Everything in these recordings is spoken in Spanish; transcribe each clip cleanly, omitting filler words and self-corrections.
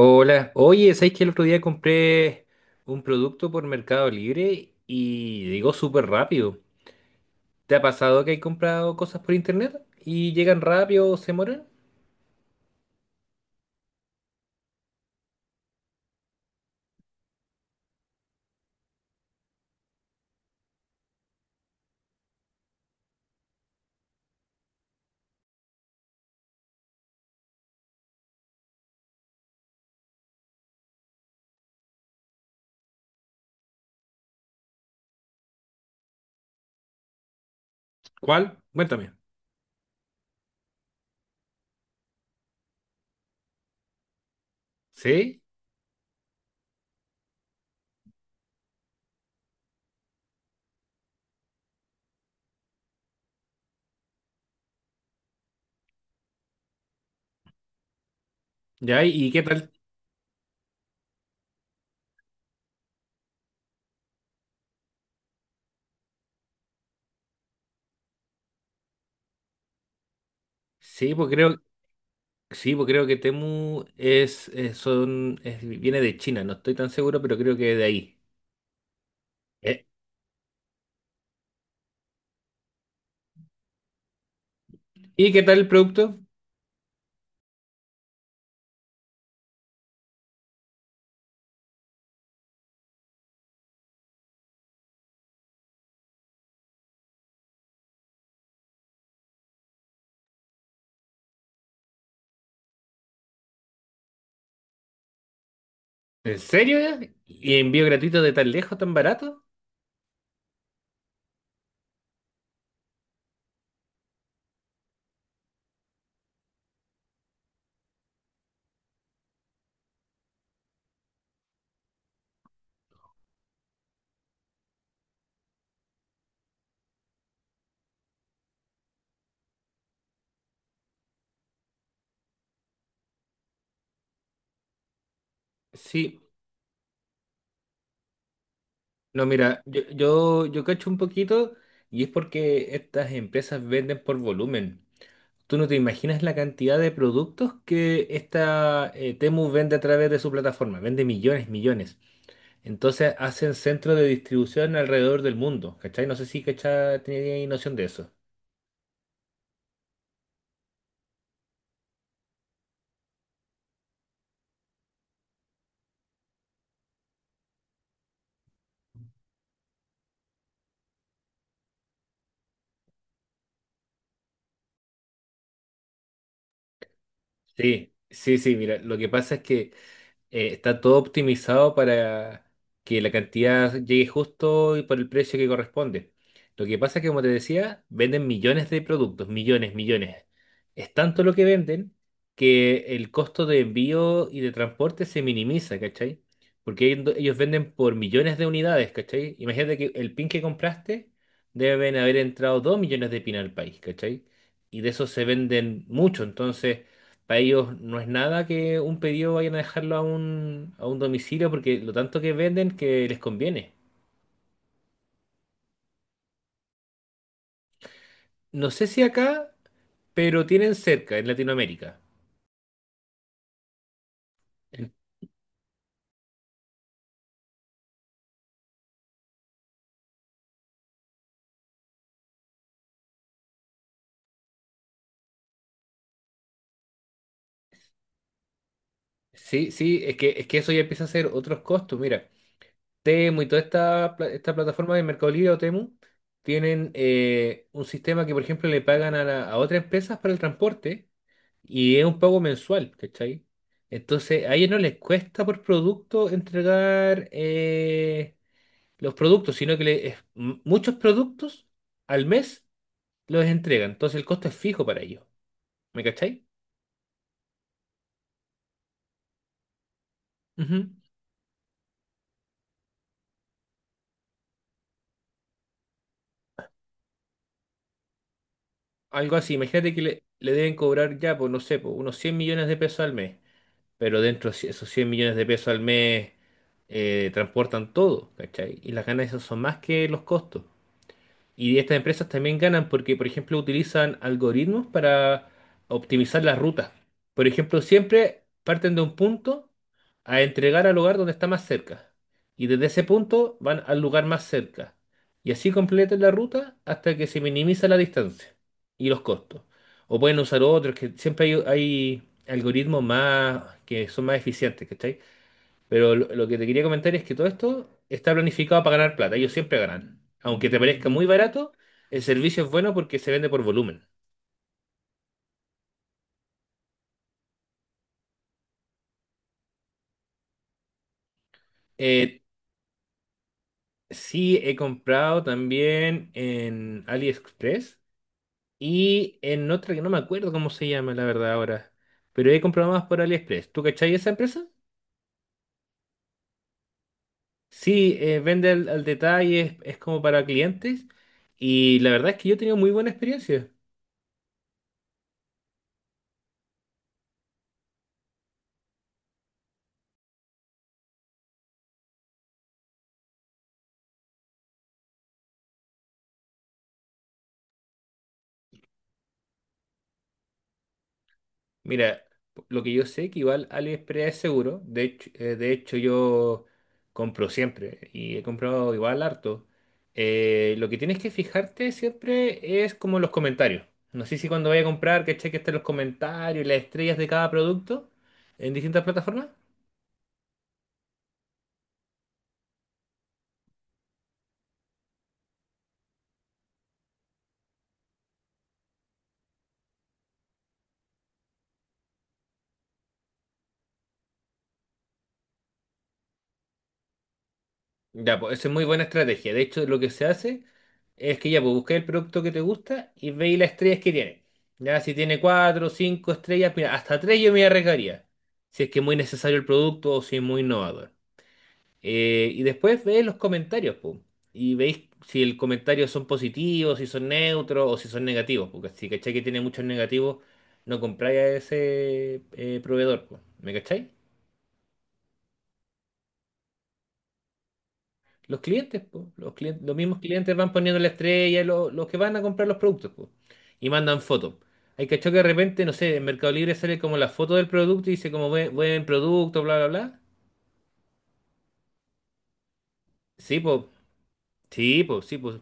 Hola, oye, ¿sabes que el otro día compré un producto por Mercado Libre y llegó súper rápido? ¿Te ha pasado que hay comprado cosas por internet y llegan rápido o se demoran? ¿Cuál? Cuéntame. ¿Sí? ¿Ya? ¿Y qué tal? Sí, pues creo, sí, pues creo que Temu es, viene de China, no estoy tan seguro, pero creo que de ahí. ¿Eh? ¿Y qué tal el producto? ¿En serio ya? ¿Y envío gratuito de tan lejos, tan barato? Sí. No, mira, yo cacho un poquito y es porque estas empresas venden por volumen. Tú no te imaginas la cantidad de productos que esta Temu vende a través de su plataforma. Vende millones, millones. Entonces hacen centros de distribución alrededor del mundo. ¿Cachai? No sé si cachai tenía noción de eso. Sí, sí, sí, mira, lo que pasa es que está todo optimizado para que la cantidad llegue justo y por el precio que corresponde. Lo que pasa es que, como te decía, venden millones de productos, millones, millones. Es tanto lo que venden que el costo de envío y de transporte se minimiza, ¿cachai? Porque ellos venden por millones de unidades, ¿cachai? Imagínate que el pin que compraste deben haber entrado dos millones de pin al país, ¿cachai? Y de esos se venden mucho, entonces... Para ellos no es nada que un pedido vayan a dejarlo a un domicilio porque lo tanto que venden que les conviene. No sé si acá, pero tienen cerca en Latinoamérica. En- Sí, sí, es que eso ya empieza a ser otros costos. Mira, Temu y toda esta plataforma de Mercado Libre o Temu tienen un sistema que, por ejemplo, le pagan a, a otras empresas para el transporte y es un pago mensual, ¿cachai? Entonces, a ellos no les cuesta por producto entregar, los productos, sino que muchos productos al mes los entregan. Entonces el costo es fijo para ellos. ¿Me cacháis? Ujú. Algo así. Imagínate que le deben cobrar ya, pues no sé, pues, unos 100 millones de pesos al mes. Pero dentro de esos 100 millones de pesos al mes transportan todo, ¿cachai? Y las ganancias son más que los costos. Y estas empresas también ganan porque, por ejemplo, utilizan algoritmos para optimizar las rutas. Por ejemplo, siempre parten de un punto a entregar al lugar donde está más cerca. Y desde ese punto van al lugar más cerca. Y así completan la ruta hasta que se minimiza la distancia y los costos. O pueden usar otros, que siempre hay algoritmos más que son más eficientes, pero lo que te quería comentar es que todo esto está planificado para ganar plata. Ellos siempre ganan. Aunque te parezca muy barato, el servicio es bueno porque se vende por volumen. Eh, sí, he comprado también en AliExpress y en otra que no me acuerdo cómo se llama, la verdad, ahora. Pero he comprado más por AliExpress. ¿Tú cachai esa empresa? Sí, vende al, al detalle, es como para clientes. Y la verdad es que yo he tenido muy buena experiencia. Mira, lo que yo sé que igual AliExpress es seguro. De hecho, de hecho yo compro siempre y he comprado igual harto. Lo que tienes que fijarte siempre es como los comentarios. No sé si cuando vaya a comprar, ¿cachai? Que cheque estén los comentarios y las estrellas de cada producto en distintas plataformas. Ya, pues, esa es muy buena estrategia. De hecho, lo que se hace es que ya, pues buscáis el producto que te gusta y veis las estrellas que tiene. Ya, si tiene cuatro, cinco estrellas, mira, hasta tres yo me arriesgaría. Si es que es muy necesario el producto o si es muy innovador. Y después veis los comentarios, pues. Y veis si el comentario son positivos, si son neutros o si son negativos. Porque si cacháis que tiene muchos negativos, no compráis a ese proveedor, pues. ¿Me cacháis? Los clientes, po, los clientes, los mismos clientes van poniendo la estrella, los que van a comprar los productos, po, y mandan fotos. Hay cachó que de repente, no sé, en Mercado Libre sale como la foto del producto y dice como buen producto, bla, bla, bla. Sí, pues, sí, pues, sí, pues.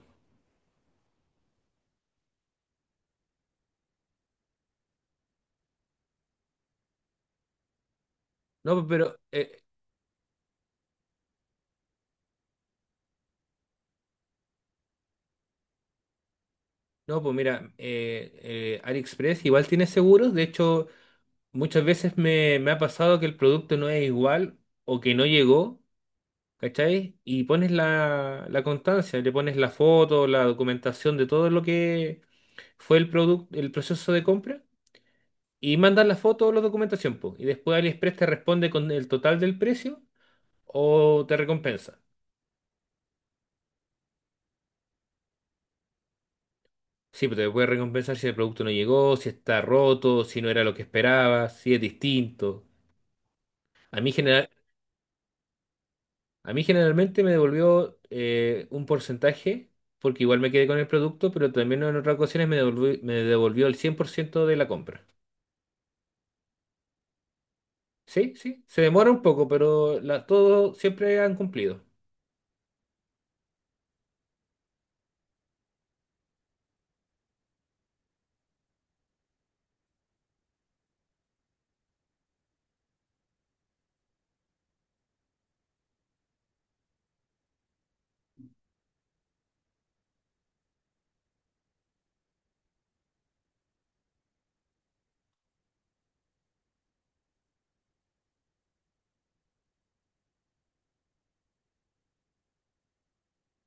No, po, pero, no, pues mira, AliExpress igual tiene seguros. De hecho, muchas veces me ha pasado que el producto no es igual o que no llegó, ¿cachai? Y pones la constancia, le pones la foto, la documentación de todo lo que fue el producto, el proceso de compra y mandas la foto o la documentación, po, y después AliExpress te responde con el total del precio o te recompensa. Sí, pero te puede recompensar si el producto no llegó, si está roto, si no era lo que esperabas, si es distinto. A mí, general, a mí generalmente me devolvió un porcentaje, porque igual me quedé con el producto, pero también en otras ocasiones me devolvió el 100% de la compra. Sí, sí, se demora un poco, pero todo siempre han cumplido.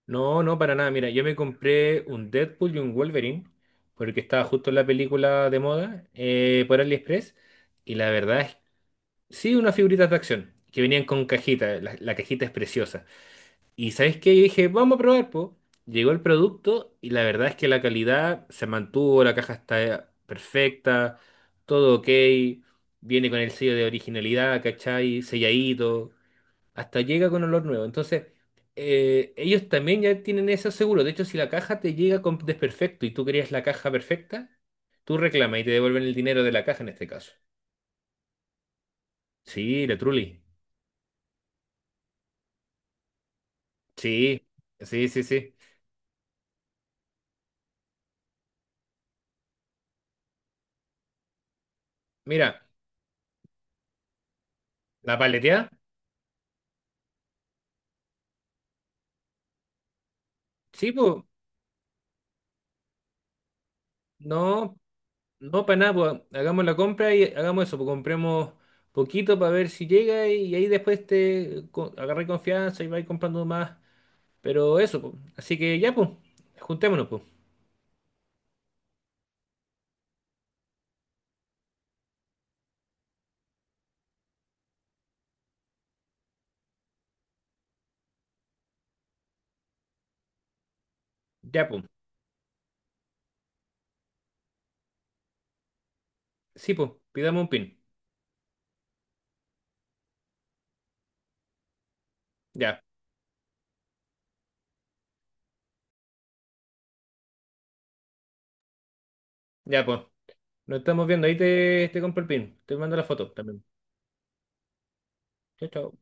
No, no, para nada. Mira, yo me compré un Deadpool y un Wolverine, porque estaba justo en la película de moda, por AliExpress. Y la verdad es, sí, unas figuritas de acción, que venían con cajita. La cajita es preciosa. Y ¿sabes qué? Yo dije, vamos a probar, po. Llegó el producto y la verdad es que la calidad se mantuvo, la caja está perfecta, todo ok. Viene con el sello de originalidad, ¿cachai? Selladito. Hasta llega con olor nuevo. Entonces, ellos también ya tienen eso seguro. De hecho, si la caja te llega con desperfecto y tú querías la caja perfecta, tú reclamas y te devuelven el dinero de la caja en este caso. Sí, la Trulli. Sí, sí, sí, sí. Mira, la paleteada. Sí, pues, no, no para nada, pues, hagamos la compra y hagamos eso, pues compremos poquito para ver si llega y ahí después te agarré confianza y vais comprando más. Pero eso, pues. Así que ya, pues, juntémonos, pues. Ya, pues. Sí, pues, pidamos un pin. Ya, ya, pues. Nos estamos viendo. Ahí te, te compro el pin. Te mando la foto también. Chao, chao.